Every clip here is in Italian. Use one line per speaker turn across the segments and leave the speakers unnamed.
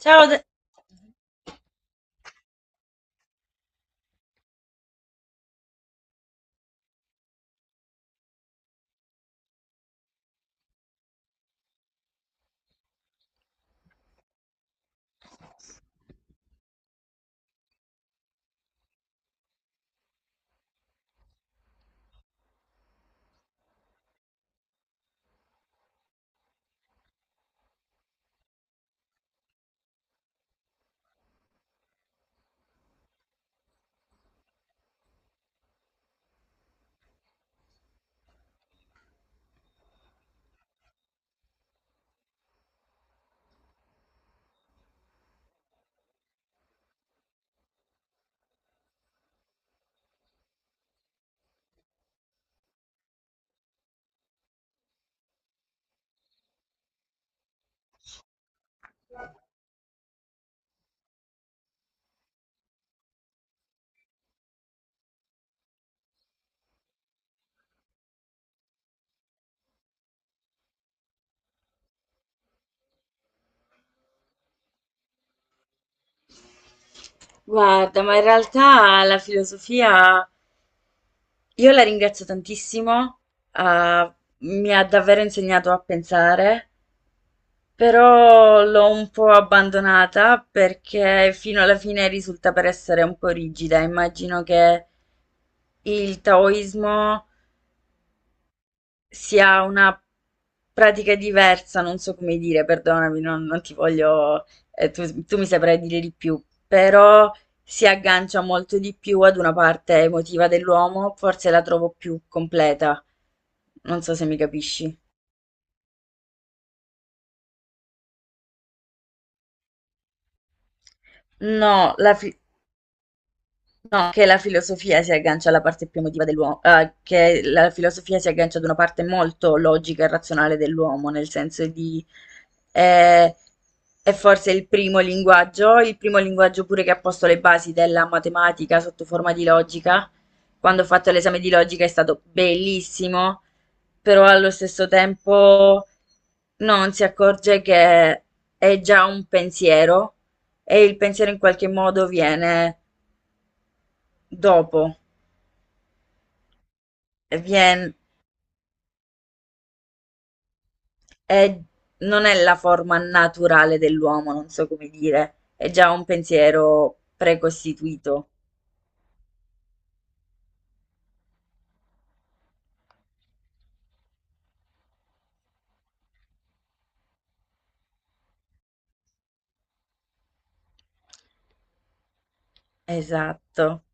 Ciao, guarda, ma in realtà la filosofia io la ringrazio tantissimo, ah, mi ha davvero insegnato a pensare, però l'ho un po' abbandonata perché fino alla fine risulta per essere un po' rigida. Immagino che il taoismo si ha una pratica diversa, non so come dire, perdonami, non ti voglio, tu mi saprai dire di più, però si aggancia molto di più ad una parte emotiva dell'uomo, forse la trovo più completa. Non so se mi capisci. No. No, che la filosofia si aggancia alla parte più emotiva dell'uomo, che la filosofia si aggancia ad una parte molto logica e razionale dell'uomo, nel senso di eh, è forse il primo linguaggio pure che ha posto le basi della matematica sotto forma di logica. Quando ho fatto l'esame di logica è stato bellissimo, però allo stesso tempo non si accorge che è già un pensiero e il pensiero in qualche modo viene dopo. vien- è- Non è la forma naturale dell'uomo, non so come dire, è già un pensiero precostituito. Esatto.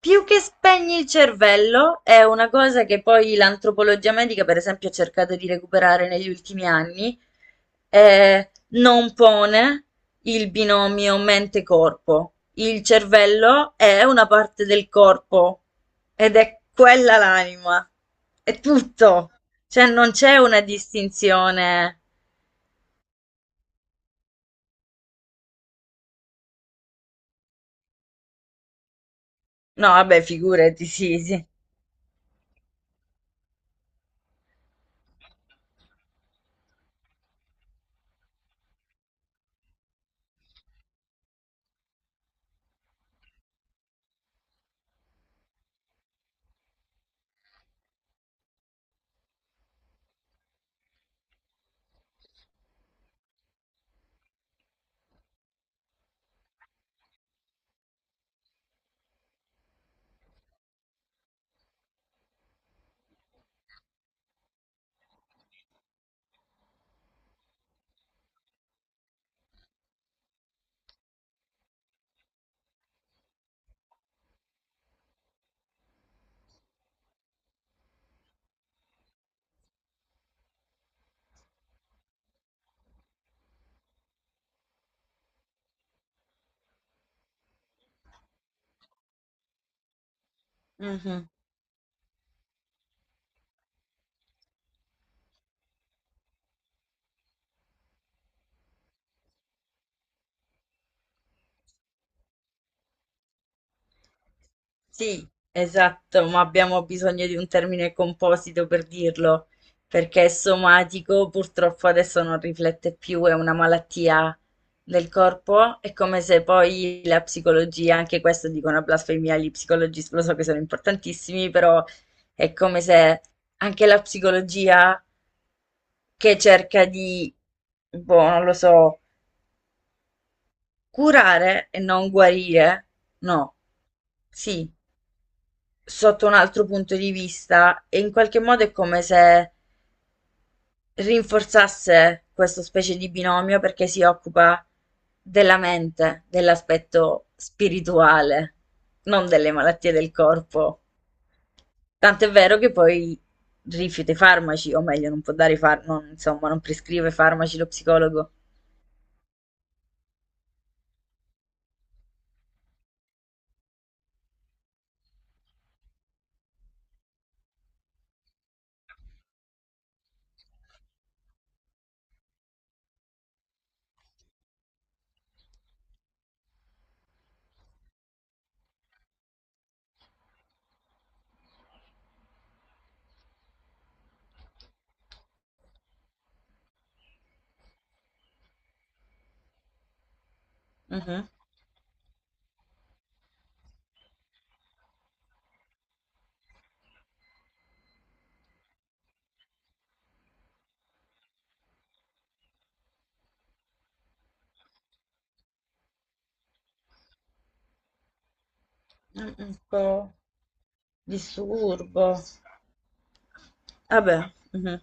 Più che spegni il cervello, è una cosa che poi l'antropologia medica, per esempio, ha cercato di recuperare negli ultimi anni, non pone il binomio mente-corpo. Il cervello è una parte del corpo ed è quella l'anima. È tutto. Cioè non c'è una distinzione. No, vabbè, figurati, sì, sì. Mhm. Sì, esatto, ma abbiamo bisogno di un termine composito per dirlo, perché somatico purtroppo adesso non riflette più, è una malattia del corpo, è come se poi la psicologia, anche questo dico una blasfemia, gli psicologisti lo so che sono importantissimi, però è come se anche la psicologia che cerca di, boh, non lo so, curare e non guarire, no, sì. Sotto un altro punto di vista e in qualche modo è come se rinforzasse questa specie di binomio perché si occupa della mente, dell'aspetto spirituale, non delle malattie del corpo. Tant'è vero che poi rifiuta i farmaci, o meglio, non può dare i farmaci, non, insomma, non prescrive farmaci lo psicologo. Mhm. Un po' disturbo. Vabbè, mhm,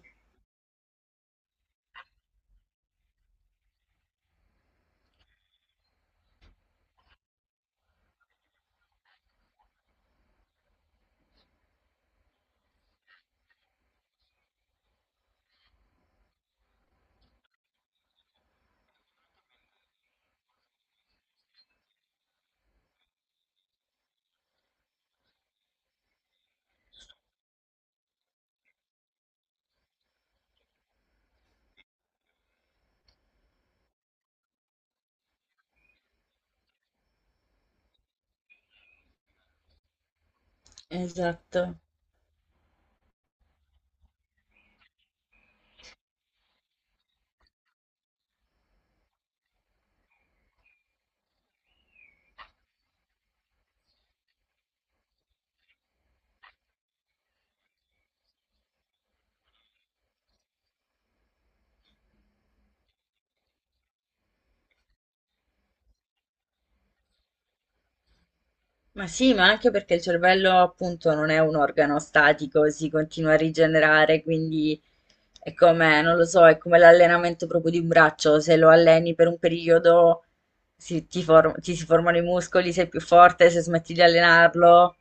esatto. Ma sì, ma anche perché il cervello appunto non è un organo statico, si continua a rigenerare, quindi è come, non lo so, è come l'allenamento proprio di un braccio, se lo alleni per un periodo ti si formano i muscoli, sei più forte, se smetti di allenarlo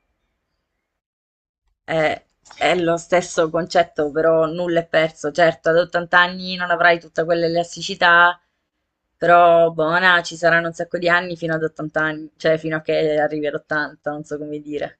è, è lo stesso concetto, però nulla è perso. Certo, ad 80 anni non avrai tutta quell'elasticità, però buona, ci saranno un sacco di anni fino ad 80 anni, cioè fino a che arrivi ad 80, non so come dire.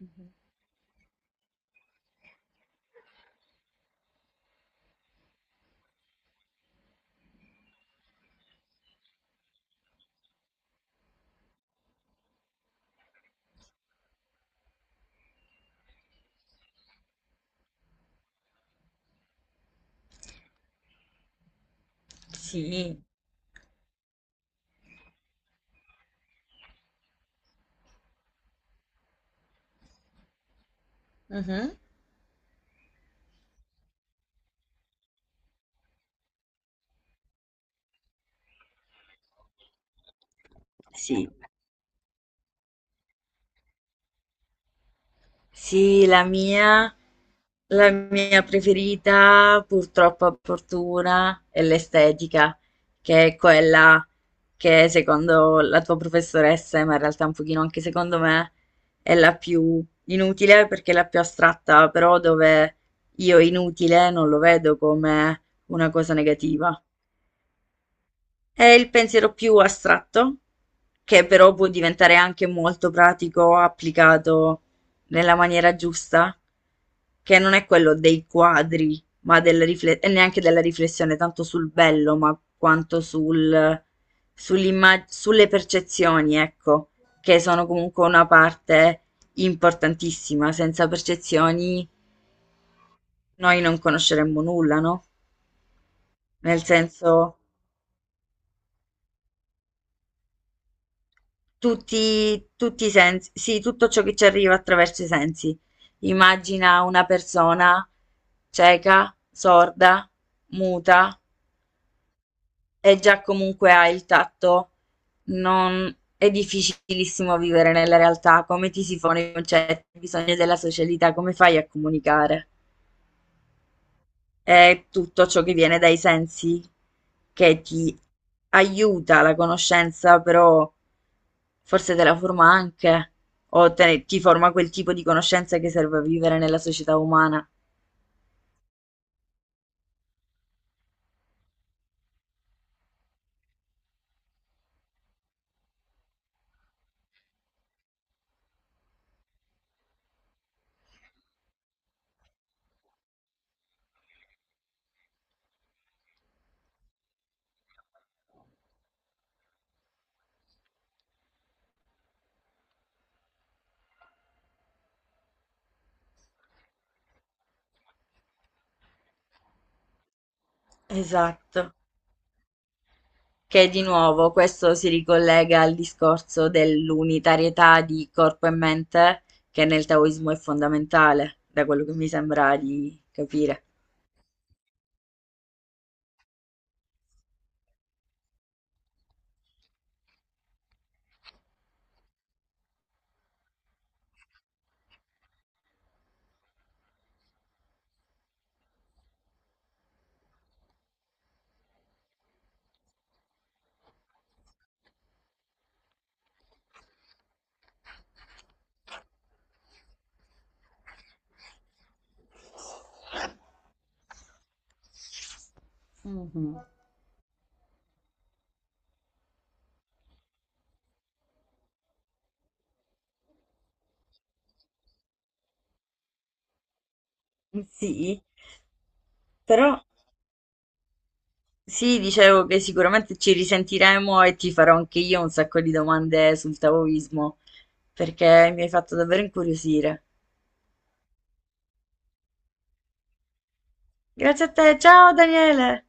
Mhm. Sì. Mhm. Sì. Sì, la mia preferita, purtroppo a fortuna, è l'estetica, che è quella che secondo la tua professoressa, ma in realtà un pochino anche secondo me, è la più inutile perché è la più astratta, però dove io inutile non lo vedo come una cosa negativa. È il pensiero più astratto, che però può diventare anche molto pratico applicato nella maniera giusta, che non è quello dei quadri, ma e neanche della riflessione tanto sul bello, ma quanto sulle percezioni, ecco, che sono comunque una parte importantissima. Senza percezioni noi non conosceremmo nulla, no? Nel senso, tutti i sensi, sì, tutto ciò che ci arriva attraverso i sensi. Immagina una persona cieca, sorda, muta e già comunque ha il tatto. Non. È difficilissimo vivere nella realtà, come ti si fanno i concetti, i bisogni della socialità, come fai a comunicare? È tutto ciò che viene dai sensi, che ti aiuta la conoscenza, però forse te la forma anche, o ti forma quel tipo di conoscenza che serve a vivere nella società umana. Esatto. Che di nuovo questo si ricollega al discorso dell'unitarietà di corpo e mente, che nel taoismo è fondamentale, da quello che mi sembra di capire. Mhm. Sì, però sì, dicevo che sicuramente ci risentiremo e ti farò anche io un sacco di domande sul taoismo, perché mi hai fatto davvero incuriosire. Grazie a te, ciao Daniele!